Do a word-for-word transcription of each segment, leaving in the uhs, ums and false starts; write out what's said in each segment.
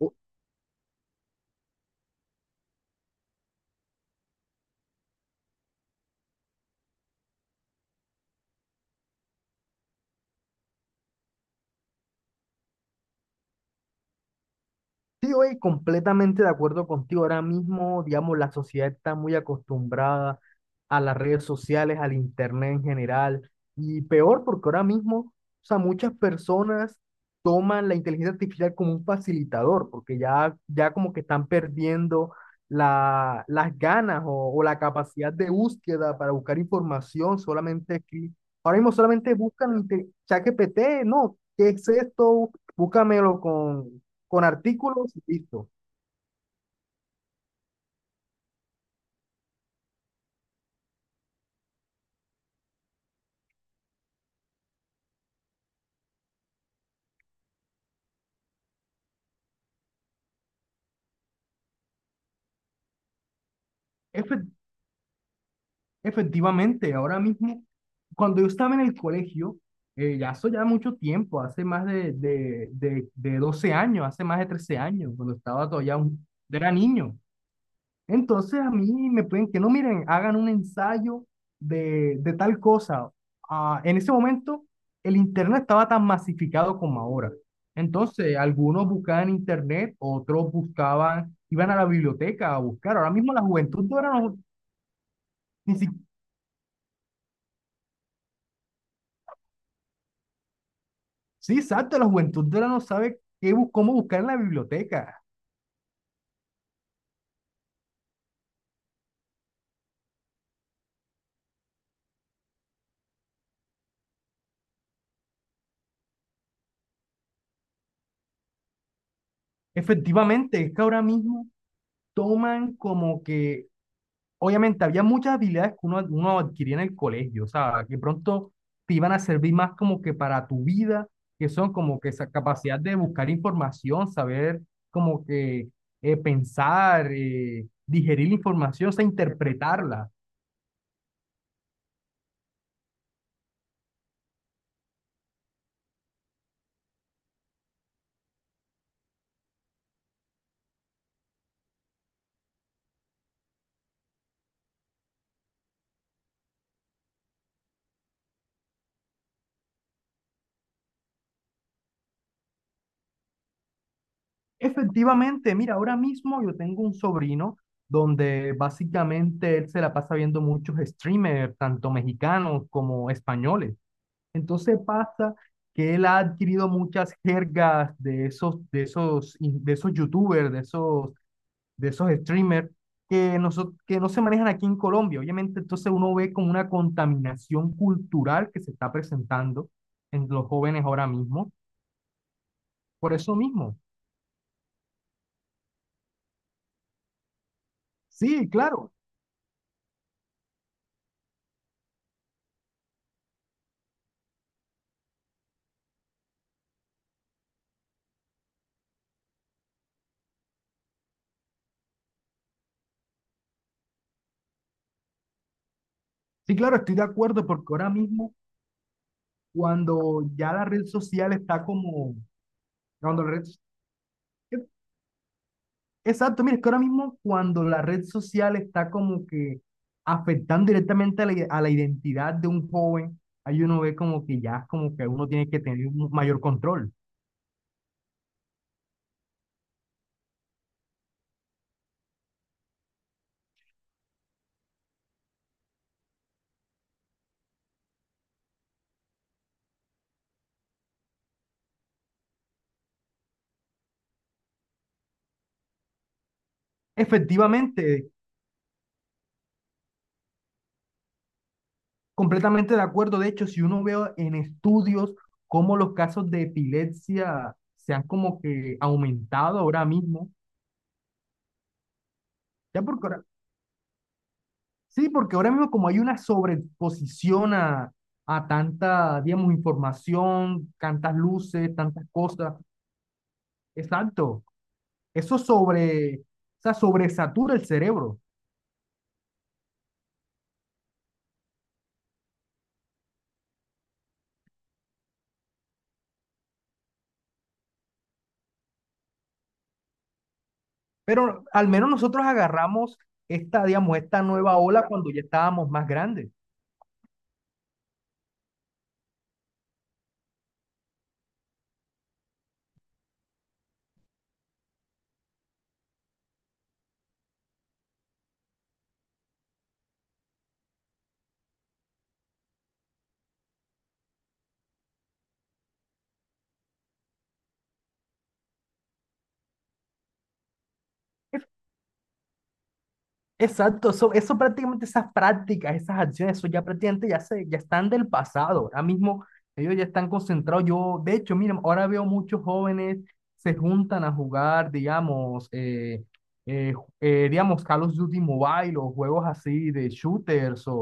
Oh, sí, oye, completamente de acuerdo contigo. Ahora mismo, digamos, la sociedad está muy acostumbrada a las redes sociales, al internet en general, y peor porque ahora mismo, o sea, muchas personas toman la inteligencia artificial como un facilitador, porque ya, ya como que están perdiendo la, las ganas o, o la capacidad de búsqueda para buscar información solamente aquí. Ahora mismo solamente buscan inte- ChatGPT, no, ¿qué es esto? Búscamelo con con artículos, listo. Efe- Efectivamente, ahora mismo, cuando yo estaba en el colegio, eh, ya eso ya mucho tiempo, hace más de, de, de, de doce años, hace más de trece años, cuando estaba todavía un, era niño. Entonces a mí me pueden que no, miren, hagan un ensayo de, de tal cosa. Ah, en ese momento el internet estaba tan masificado como ahora. Entonces algunos buscaban en internet, otros buscaban, iban a la biblioteca a buscar. Ahora mismo la juventud de ahora no, ni si- sí, exacto, la juventud de ahora no sabe qué, bus- cómo buscar en la biblioteca. Efectivamente, es que ahora mismo toman como que obviamente había muchas habilidades que uno, uno adquiría en el colegio, o sea, que pronto te iban a servir más como que para tu vida, que son como que esa capacidad de buscar información, saber como que eh, pensar, eh, digerir la información, o sea, interpretarla. Efectivamente, mira, ahora mismo yo tengo un sobrino donde básicamente él se la pasa viendo muchos streamers, tanto mexicanos como españoles. Entonces pasa que él ha adquirido muchas jergas de esos, de esos, in- de esos youtubers, de esos, de esos streamers que, noso- que no se manejan aquí en Colombia. Obviamente, entonces uno ve como una contaminación cultural que se está presentando en los jóvenes ahora mismo. Por eso mismo. Sí, claro. Sí, claro, estoy de acuerdo porque ahora mismo cuando ya la red social está como, cuando la red, exacto, mira, es que ahora mismo cuando la red social está como que afectando directamente a la, i- a la identidad de un joven, ahí uno ve como que ya es como que uno tiene que tener un mayor control. Efectivamente, completamente de acuerdo. De hecho, si uno ve en estudios cómo los casos de epilepsia se han como que aumentado ahora mismo, ya porque ahora, sí, porque ahora mismo como hay una sobreexposición a, a tanta, digamos, información, tantas luces, tantas cosas. Exacto. Eso sobre, o sea, sobresatura el cerebro. Pero al menos nosotros agarramos esta, digamos, esta nueva ola cuando ya estábamos más grandes. Exacto, eso, eso prácticamente, esas prácticas, esas acciones, eso ya prácticamente ya, se, ya están del pasado. Ahora mismo ellos ya están concentrados. Yo, de hecho, miren, ahora veo muchos jóvenes se juntan a jugar, digamos, eh, eh, ju- eh, digamos, Call of Duty Mobile o juegos así de shooters o,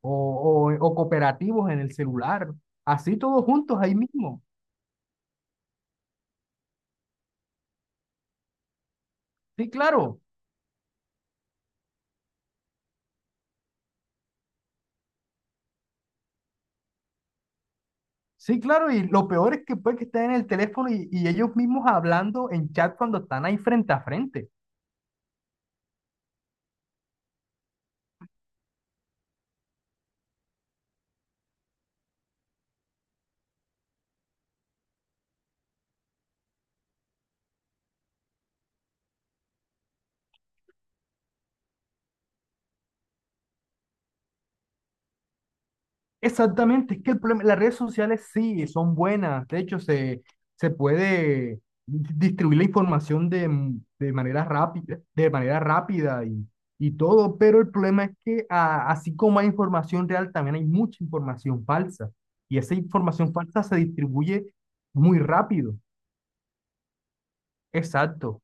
o, o, o cooperativos en el celular, así todos juntos ahí mismo. Sí, claro. Sí, claro, y lo peor es que puede que estén en el teléfono y, y ellos mismos hablando en chat cuando están ahí frente a frente. Exactamente, es que el problema, las redes sociales sí son buenas, de hecho se, se puede di- distribuir la información de, m- de manera rápida, de manera rápida y, y todo, pero el problema es que a- así como hay información real, también hay mucha información falsa y esa información falsa se distribuye muy rápido. Exacto.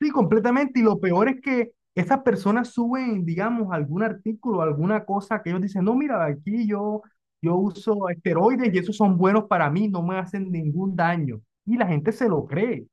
Sí, completamente. Y lo peor es que esas personas suben, digamos, algún artículo, alguna cosa que ellos dicen, no, mira, aquí yo, yo uso esteroides y esos son buenos para mí, no me hacen ningún daño. Y la gente se lo cree.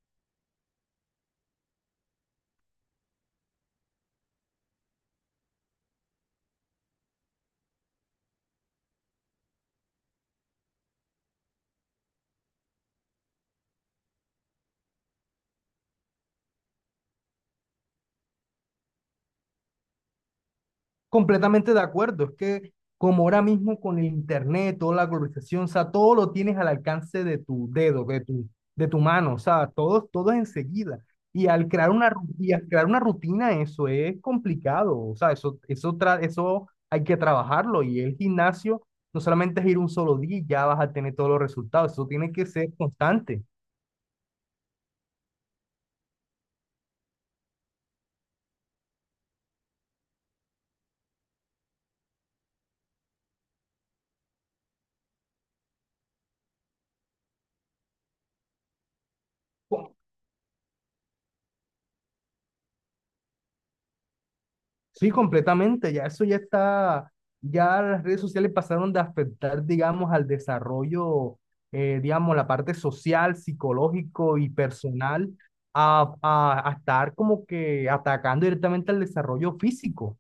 Completamente de acuerdo, es que como ahora mismo con el internet, toda la globalización, o sea, todo lo tienes al alcance de tu dedo, de tu, de tu mano, o sea, todo, todo es enseguida. Y al crear una, ru- y al crear una rutina, eso es complicado, o sea, eso, eso, tra- eso hay que trabajarlo. Y el gimnasio no solamente es ir un solo día y ya vas a tener todos los resultados, eso tiene que ser constante. Sí, completamente. Ya eso ya está, ya las redes sociales pasaron de afectar, digamos, al desarrollo, eh, digamos, la parte social, psicológico y personal, a, a, a estar como que atacando directamente al desarrollo físico.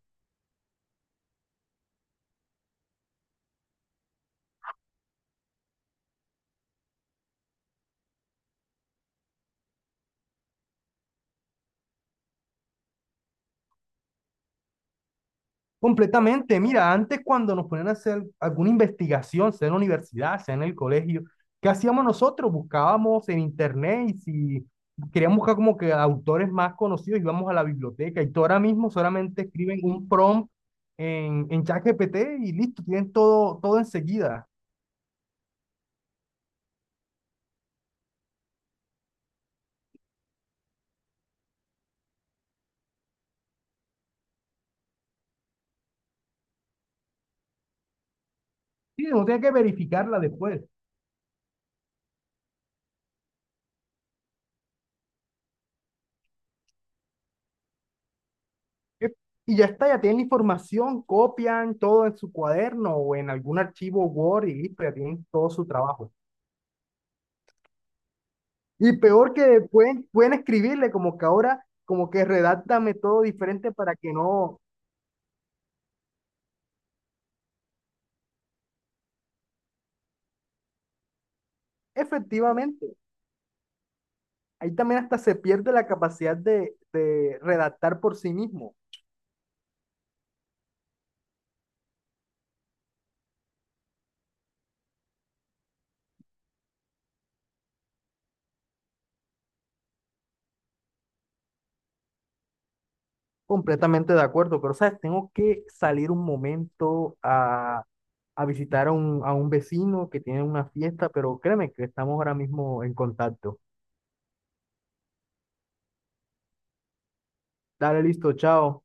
Completamente, mira, antes cuando nos ponían a hacer alguna investigación, sea en la universidad, sea en el colegio, ¿qué hacíamos nosotros? Buscábamos en internet y si queríamos buscar como que autores más conocidos, íbamos a la biblioteca y tú ahora mismo solamente escriben un prompt en, en ChatGPT y listo, tienen todo, todo enseguida. Sí, no tienen que verificarla después. Eh, Y ya está, ya tienen la información, copian todo en su cuaderno o en algún archivo Word y listo, ya tienen todo su trabajo. Y peor que pueden, pueden escribirle como que ahora, como que redáctame todo diferente para que no, efectivamente, ahí también hasta se pierde la capacidad de, de redactar por sí mismo. Completamente de acuerdo, pero sabes, tengo que salir un momento a, a visitar a un, a un vecino que tiene una fiesta, pero créeme que estamos ahora mismo en contacto. Dale, listo, chao.